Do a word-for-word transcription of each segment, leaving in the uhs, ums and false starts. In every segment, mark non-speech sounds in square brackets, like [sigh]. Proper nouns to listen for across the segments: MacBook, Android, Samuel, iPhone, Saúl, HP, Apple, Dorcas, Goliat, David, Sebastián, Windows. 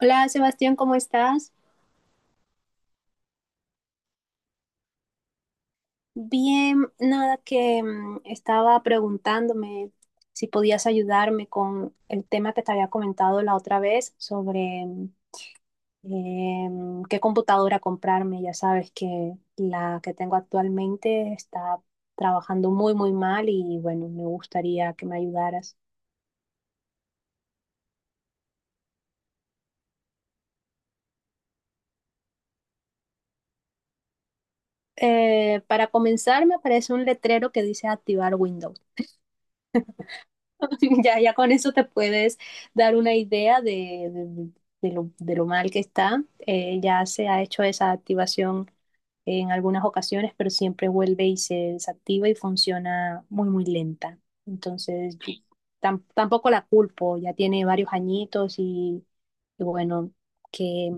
Hola Sebastián, ¿cómo estás? Bien, nada que mm, estaba preguntándome si podías ayudarme con el tema que te había comentado la otra vez sobre mm, em, qué computadora comprarme. Ya sabes que la que tengo actualmente está trabajando muy, muy mal y bueno, me gustaría que me ayudaras. Eh, para comenzar, me aparece un letrero que dice activar Windows. [laughs] Ya, ya con eso te puedes dar una idea de, de- de lo, de lo mal que está. Eh, ya se ha hecho esa activación en algunas ocasiones, pero siempre vuelve y se desactiva y funciona muy, muy lenta. Entonces, yo tam- tampoco la culpo, ya tiene varios añitos y, y bueno, que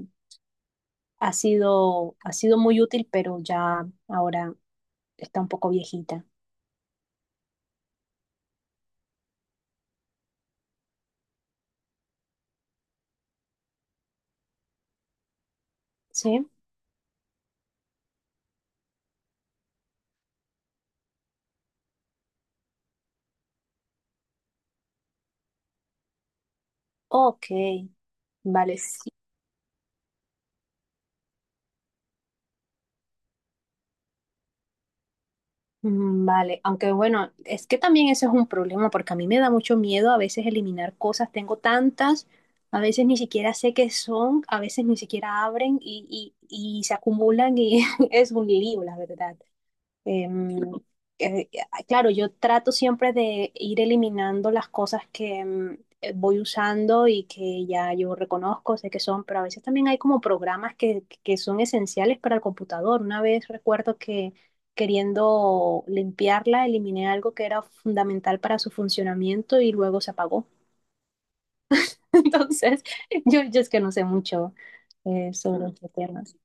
ha sido, ha sido muy útil, pero ya ahora está un poco viejita. ¿Sí? Ok, vale. Mm, Vale, aunque bueno, es que también ese es un problema porque a mí me da mucho miedo a veces eliminar cosas, tengo tantas, a veces ni siquiera sé qué son, a veces ni siquiera abren y, y, y se acumulan y [laughs] es un lío, la verdad. Em, eh, claro, yo trato siempre de ir eliminando las cosas que em, eh, voy usando y que ya yo reconozco, sé que son, pero a veces también hay como programas que, que son esenciales para el computador. Una vez recuerdo que queriendo limpiarla, eliminé algo que era fundamental para su funcionamiento y luego se apagó. [laughs] Entonces, yo, yo es que no sé mucho eh, sobre los temas.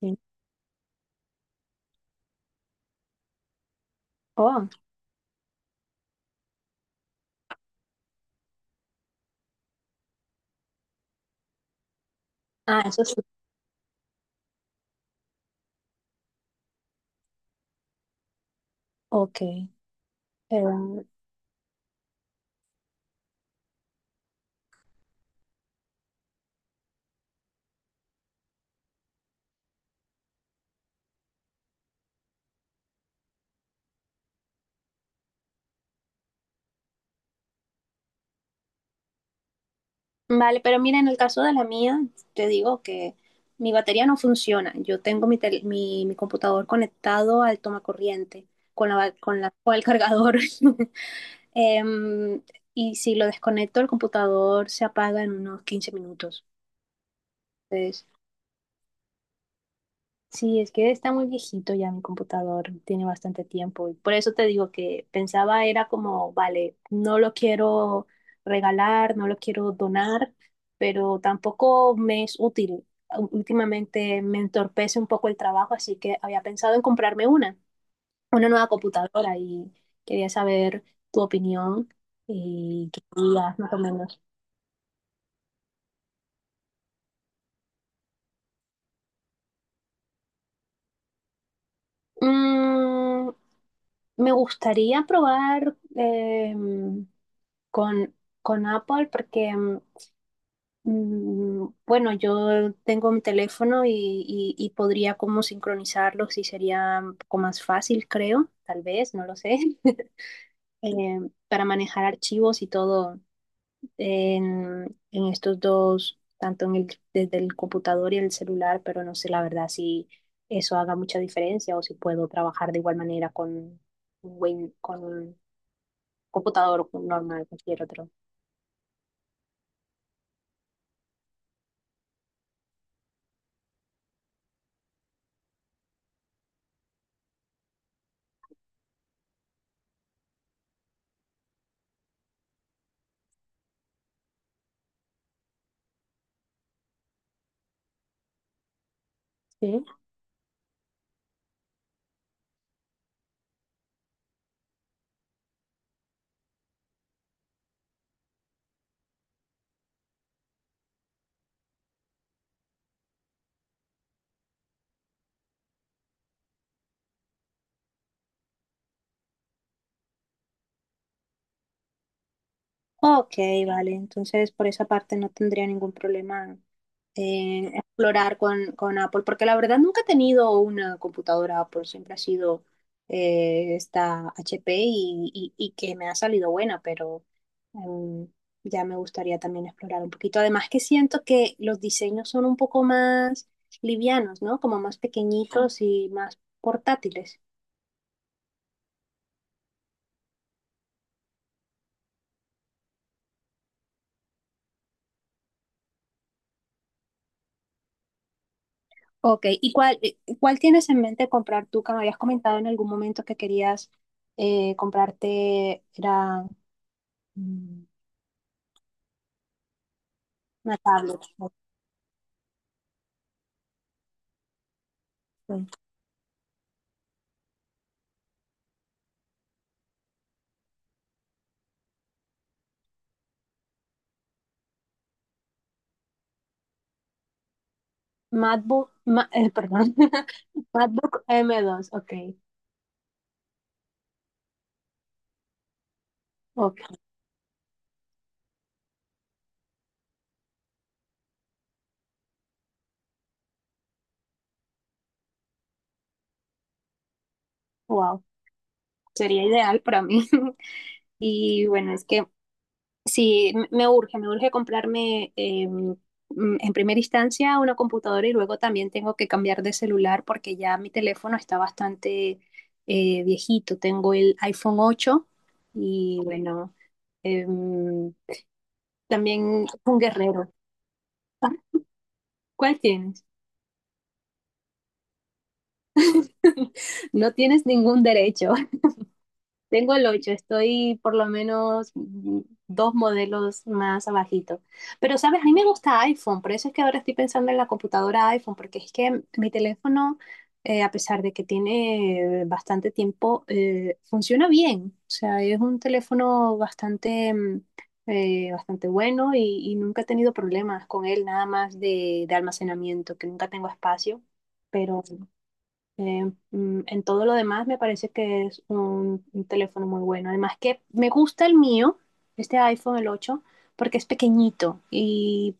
Sí. Oh, ah, eso sí. Ok. Eh, Vale, pero mira, en el caso de la mía, te digo que mi batería no funciona. Yo tengo mi, tel- mi, mi computador conectado al tomacorriente con la, con la, con el cargador. [laughs] Em, y si lo desconecto, el computador se apaga en unos quince minutos. Entonces, sí, es que está muy viejito ya mi computador, tiene bastante tiempo y por eso te digo que pensaba era como, vale, no lo quiero regalar, no lo quiero donar, pero tampoco me es útil. Ú- Últimamente me entorpece un poco el trabajo, así que había pensado en comprarme una, una nueva computadora y quería saber tu opinión y qué digas más o menos. Mm, me gustaría probar... em, con, con Apple porque, mm, mm, bueno, yo tengo mi teléfono y, y- y podría como sincronizarlos y sería un poco más fácil, creo, tal vez, no lo sé, [laughs] eh, para manejar archivos y todo en, en estos dos, tanto en el, desde el computador y el celular, pero no sé la verdad si eso haga mucha diferencia o si puedo trabajar de igual manera con, Win- con un computador normal, cualquier otro. Sí. Ok, vale. Entonces, por esa parte no tendría ningún problema en explorar con, con Apple, porque la verdad nunca he tenido una computadora Apple, siempre ha sido eh, esta H P y, y- y que me ha salido buena, pero em, ya me gustaría también explorar un poquito. Además que siento que los diseños son un poco más livianos, ¿no? Como más pequeñitos y más portátiles. Ok, ¿y cuál, eh, cuál tienes en mente comprar tú? Que me habías comentado en algún momento que querías eh, comprarte, era mm, una tablet. Ok. MacBook, ma- eh, perdón, [laughs] MacBook m dos, ok, ok, wow, sería ideal para mí. [laughs] Y bueno, es que sí, m- me urge, me urge comprarme em, mm, en primera instancia una computadora y luego también tengo que cambiar de celular porque ya mi teléfono está bastante eh, viejito. Tengo el iPhone ocho y bueno, em, también un guerrero. Ah, ¿cuál tienes? [laughs] No tienes ningún derecho. Tengo el ocho, estoy por lo menos mm, dos modelos más abajito. Pero, ¿sabes? A mí me gusta iPhone, por eso es que ahora estoy pensando en la computadora iPhone, porque es que mi teléfono, eh, a pesar de que tiene eh, bastante tiempo, eh, funciona bien. O sea, es un teléfono bastante, mm, eh, bastante bueno y, y nunca he tenido problemas con él, nada más de, de almacenamiento, que nunca tengo espacio, pero... Eh, mm, en todo lo demás me parece que es un, un teléfono muy bueno. Además que me gusta el mío, este iPhone, el ocho porque es pequeñito y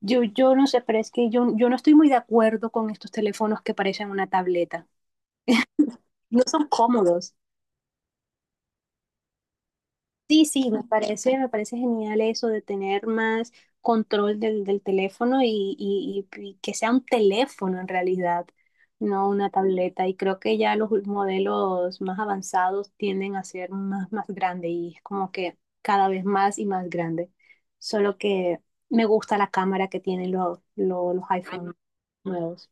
yo, yo no sé, pero es que yo, yo no estoy muy de acuerdo con estos teléfonos que parecen una tableta. No son cómodos. Sí, sí, me parece, me parece genial eso de tener más control del, del teléfono y, y- y- y que sea un teléfono en realidad, no una tableta. Y creo que ya los modelos más avanzados tienden a ser más, más grande y es como que cada vez más y más grande. Solo que me gusta la cámara que tienen los, los, los iPhone nuevos.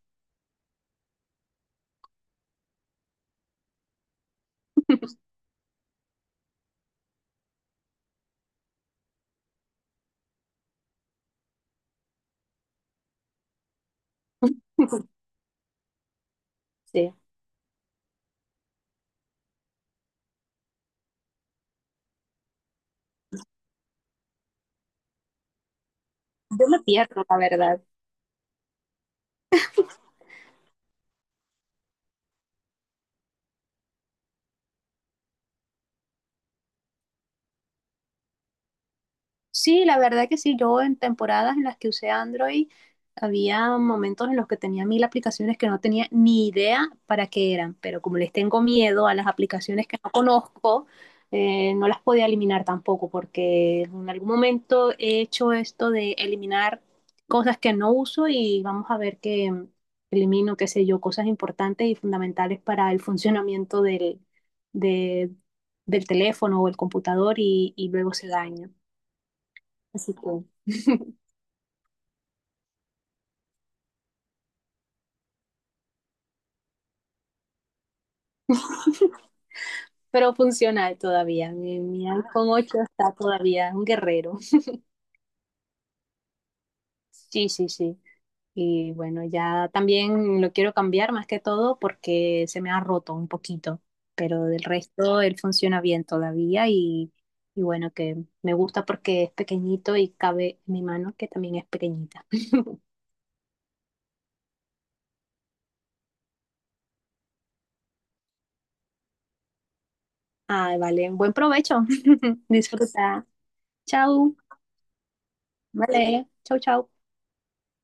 Sí. Yo me pierdo, la verdad. Sí, la verdad que sí. Yo en temporadas en las que usé Android, había momentos en los que tenía mil aplicaciones que no tenía ni idea para qué eran, pero como les tengo miedo a las aplicaciones que no conozco, eh, no las podía eliminar tampoco, porque en algún momento he hecho esto de eliminar cosas que no uso y vamos a ver que mm, elimino, qué sé yo, cosas importantes y fundamentales para el funcionamiento del, de- del teléfono o el computador y, y luego se daña. Así que, pero funcional todavía. Mi, mi iPhone ocho está todavía un guerrero. Sí, sí, sí. Y bueno, ya también lo quiero cambiar más que todo porque se me ha roto un poquito, pero del resto él funciona bien todavía y, y bueno, que me gusta porque es pequeñito y cabe en mi mano que también es pequeñita. [laughs] Ah, vale, buen provecho. [laughs] Disfruta. Chao. Vale, chao, chao.